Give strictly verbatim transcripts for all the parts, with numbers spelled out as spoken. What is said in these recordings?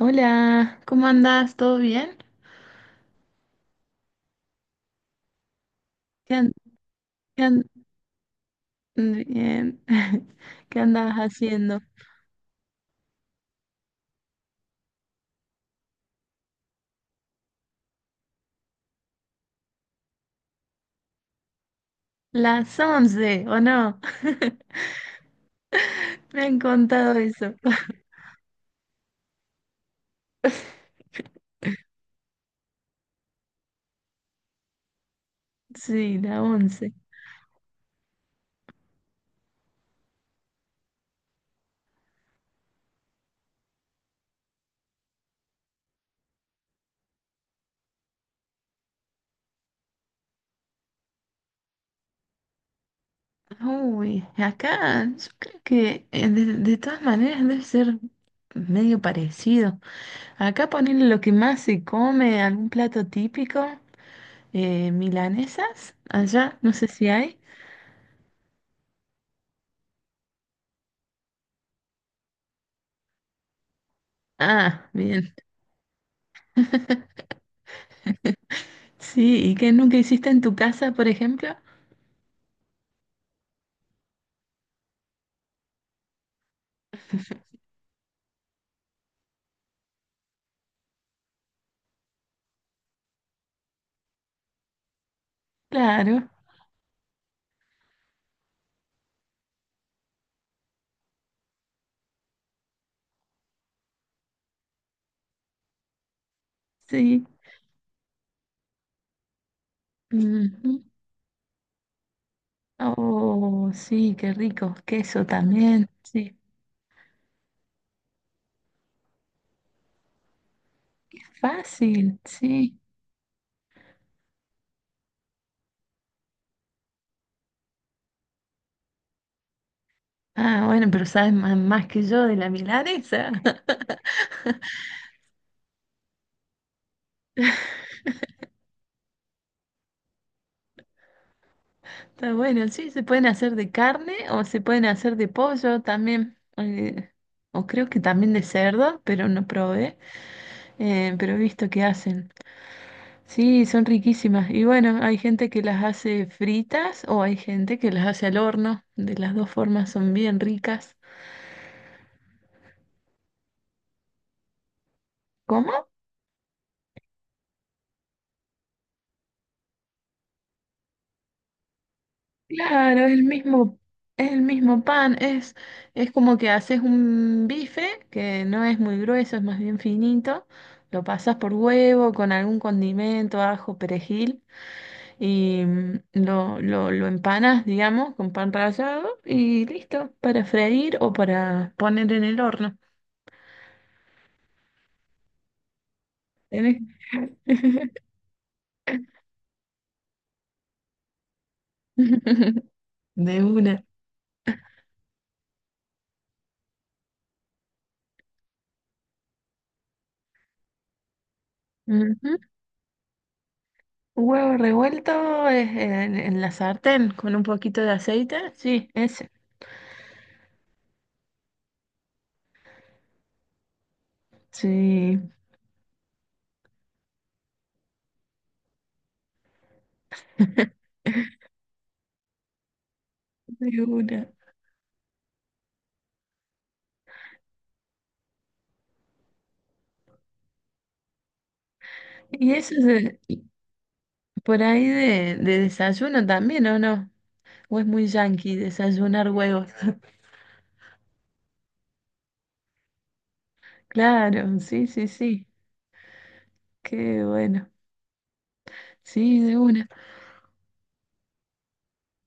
Hola, ¿cómo andás? ¿Todo bien? ¿Qué, an- qué an- bien. ¿Qué andabas haciendo? Las once ¿o no? Me han contado eso. Sí, la once. Uy, acá yo creo que eh, de, de todas maneras debe ser medio parecido. Acá ponerle lo que más se come, algún plato típico, eh, milanesas, allá, no sé si hay. Ah, bien. Sí, ¿y qué nunca hiciste en tu casa, por ejemplo? Claro, sí. Ujú. Oh, sí, qué rico. Queso también, sí. Qué fácil, sí. Ah, bueno, pero sabes más, más que yo de la milanesa. Está bueno, sí, se pueden hacer de carne o se pueden hacer de pollo también. Eh, o creo que también de cerdo, pero no probé. Eh, pero he visto que hacen. Sí, son riquísimas. Y bueno, hay gente que las hace fritas o hay gente que las hace al horno. De las dos formas son bien ricas. ¿Cómo? Claro, es el mismo, es el mismo pan, es, es como que haces un bife que no es muy grueso, es más bien finito, lo pasas por huevo con algún condimento, ajo, perejil y mm, lo, lo, lo empanas, digamos, con pan rallado y listo, para freír o para poner en el horno. Tenés- De una. Ujú. Huevo revuelto es en, en la sartén con un poquito de aceite, sí, ese, sí. De una. ¿Y eso es de- por ahí de, de desayuno también, o no? ¿O es muy yanqui desayunar huevos? Claro, sí, sí, sí. Qué bueno. Sí, de una.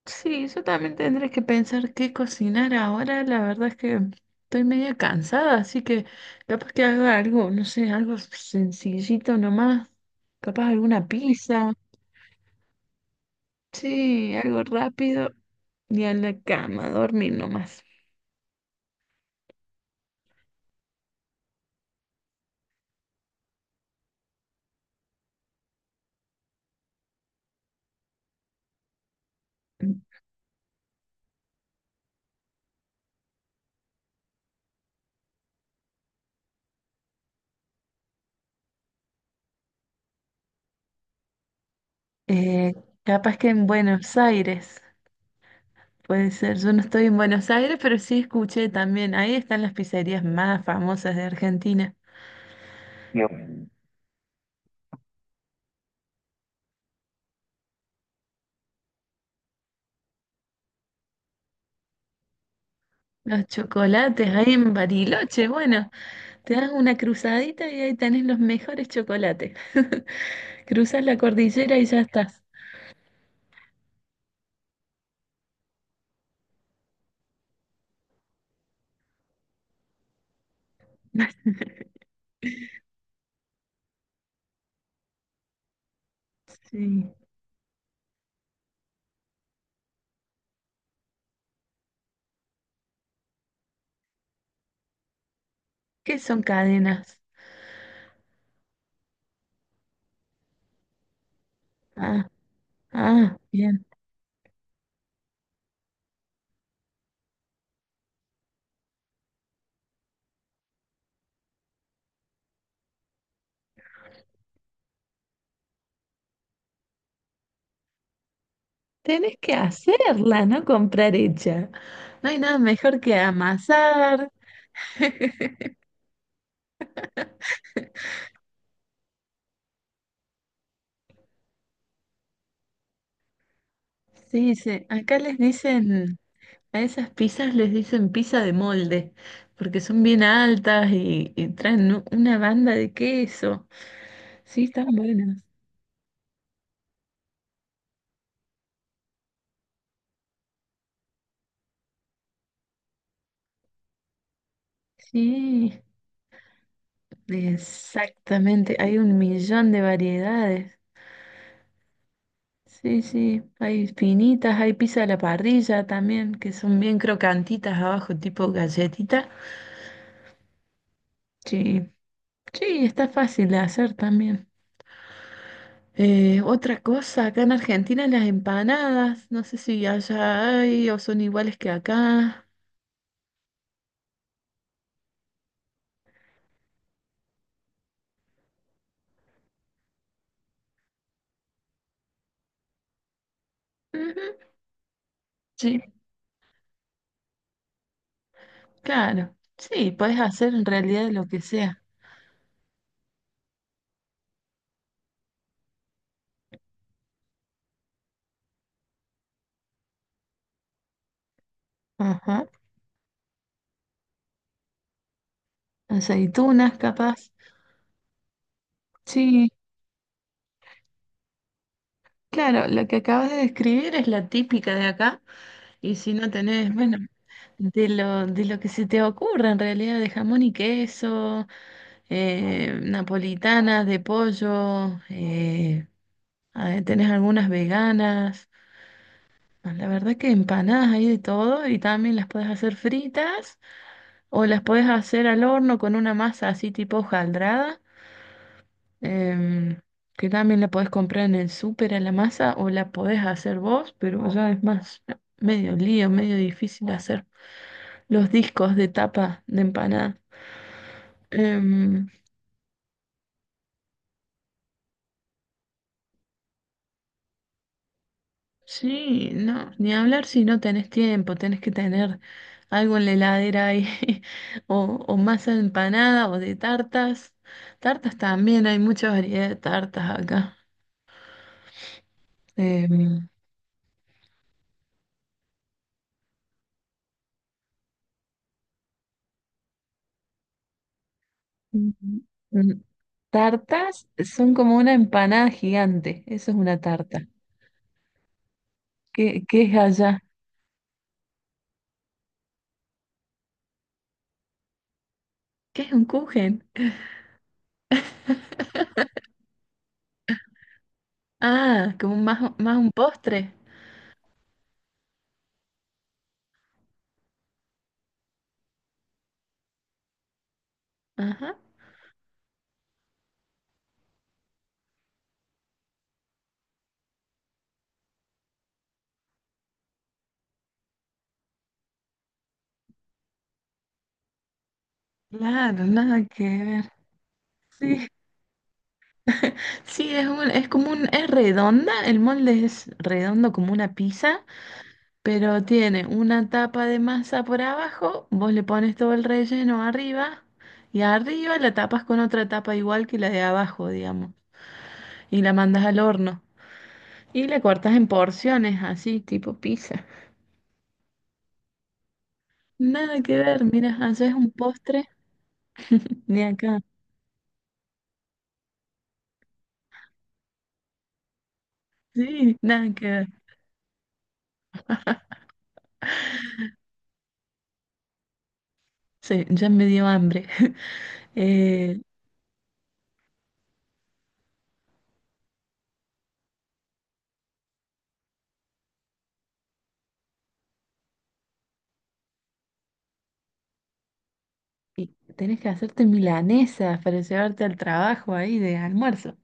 Sí, yo también tendré que pensar qué cocinar ahora. La verdad es que estoy media cansada, así que capaz que haga algo, no sé, algo sencillito nomás. Capaz alguna pizza. Sí, algo rápido. Y a la cama, a dormir nomás. Eh, Capaz que en Buenos Aires, puede ser. Yo no estoy en Buenos Aires, pero sí escuché también. Ahí están las pizzerías más famosas de Argentina. No. Los chocolates ahí en Bariloche. Bueno, te das una cruzadita y ahí tenés los mejores chocolates. Cruzas la cordillera y ya estás. Sí. ¿Qué son cadenas? Ah, ah, bien. Tenés que hacerla, no comprar hecha. No hay nada mejor que amasar. Sí, sí, acá les dicen, a esas pizzas les dicen pizza de molde, porque son bien altas y, y traen u- una banda de queso. Sí, están buenas. Sí, exactamente, hay un millón de variedades. Sí, sí, hay finitas, hay pizza a la parrilla también, que son bien crocantitas abajo, tipo galletita. Sí, sí, está fácil de hacer también. Eh, otra cosa, acá en Argentina las empanadas, no sé si allá hay o son iguales que acá. Ujú. Sí, claro. Sí, puedes hacer en realidad lo que sea. Ajá. Aceitunas, capaz. Sí, claro, lo que acabas de describir es la típica de acá. Y si no tenés, bueno, de lo, de lo que se te ocurra en realidad, de jamón y queso, eh, napolitanas de pollo, eh, ah, tenés algunas veganas. Ah, la verdad que empanadas hay de todo y también las puedes hacer fritas o las puedes hacer al horno con una masa así tipo hojaldrada, em, que también la podés comprar en el súper a la masa o la podés hacer vos, pero ya es más medio lío, medio difícil hacer los discos de tapa de empanada. Em, Sí, no, ni hablar si no tenés tiempo, tenés que tener algo en la heladera ahí, o, o masa de empanada o de tartas. Tartas también, hay mucha variedad de tartas acá. Em, Ujú. mm, Tartas son como una empanada gigante, eso es una tarta. ¿Qué, qué es allá? ¿Qué es un kuchen? Ah, como más, más un postre. Ajá, claro, nada que ver. Sí. Sí, es un- es como un, es redonda, el molde es redondo como una pizza, pero tiene una tapa de masa por abajo, vos le pones todo el relleno arriba y arriba la tapas con otra tapa igual que la de abajo, digamos, y la mandas al horno y la cortas en porciones, así, tipo pizza. Nada que ver, mira, haces un postre de acá. Sí, nada que ver. Sí, ya me dio hambre. Eh, y tenés que hacerte milanesas para llevarte al trabajo ahí de almuerzo.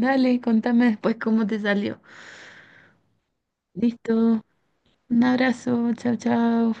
Dale, contame después cómo te salió. Listo, un abrazo, chao, chao.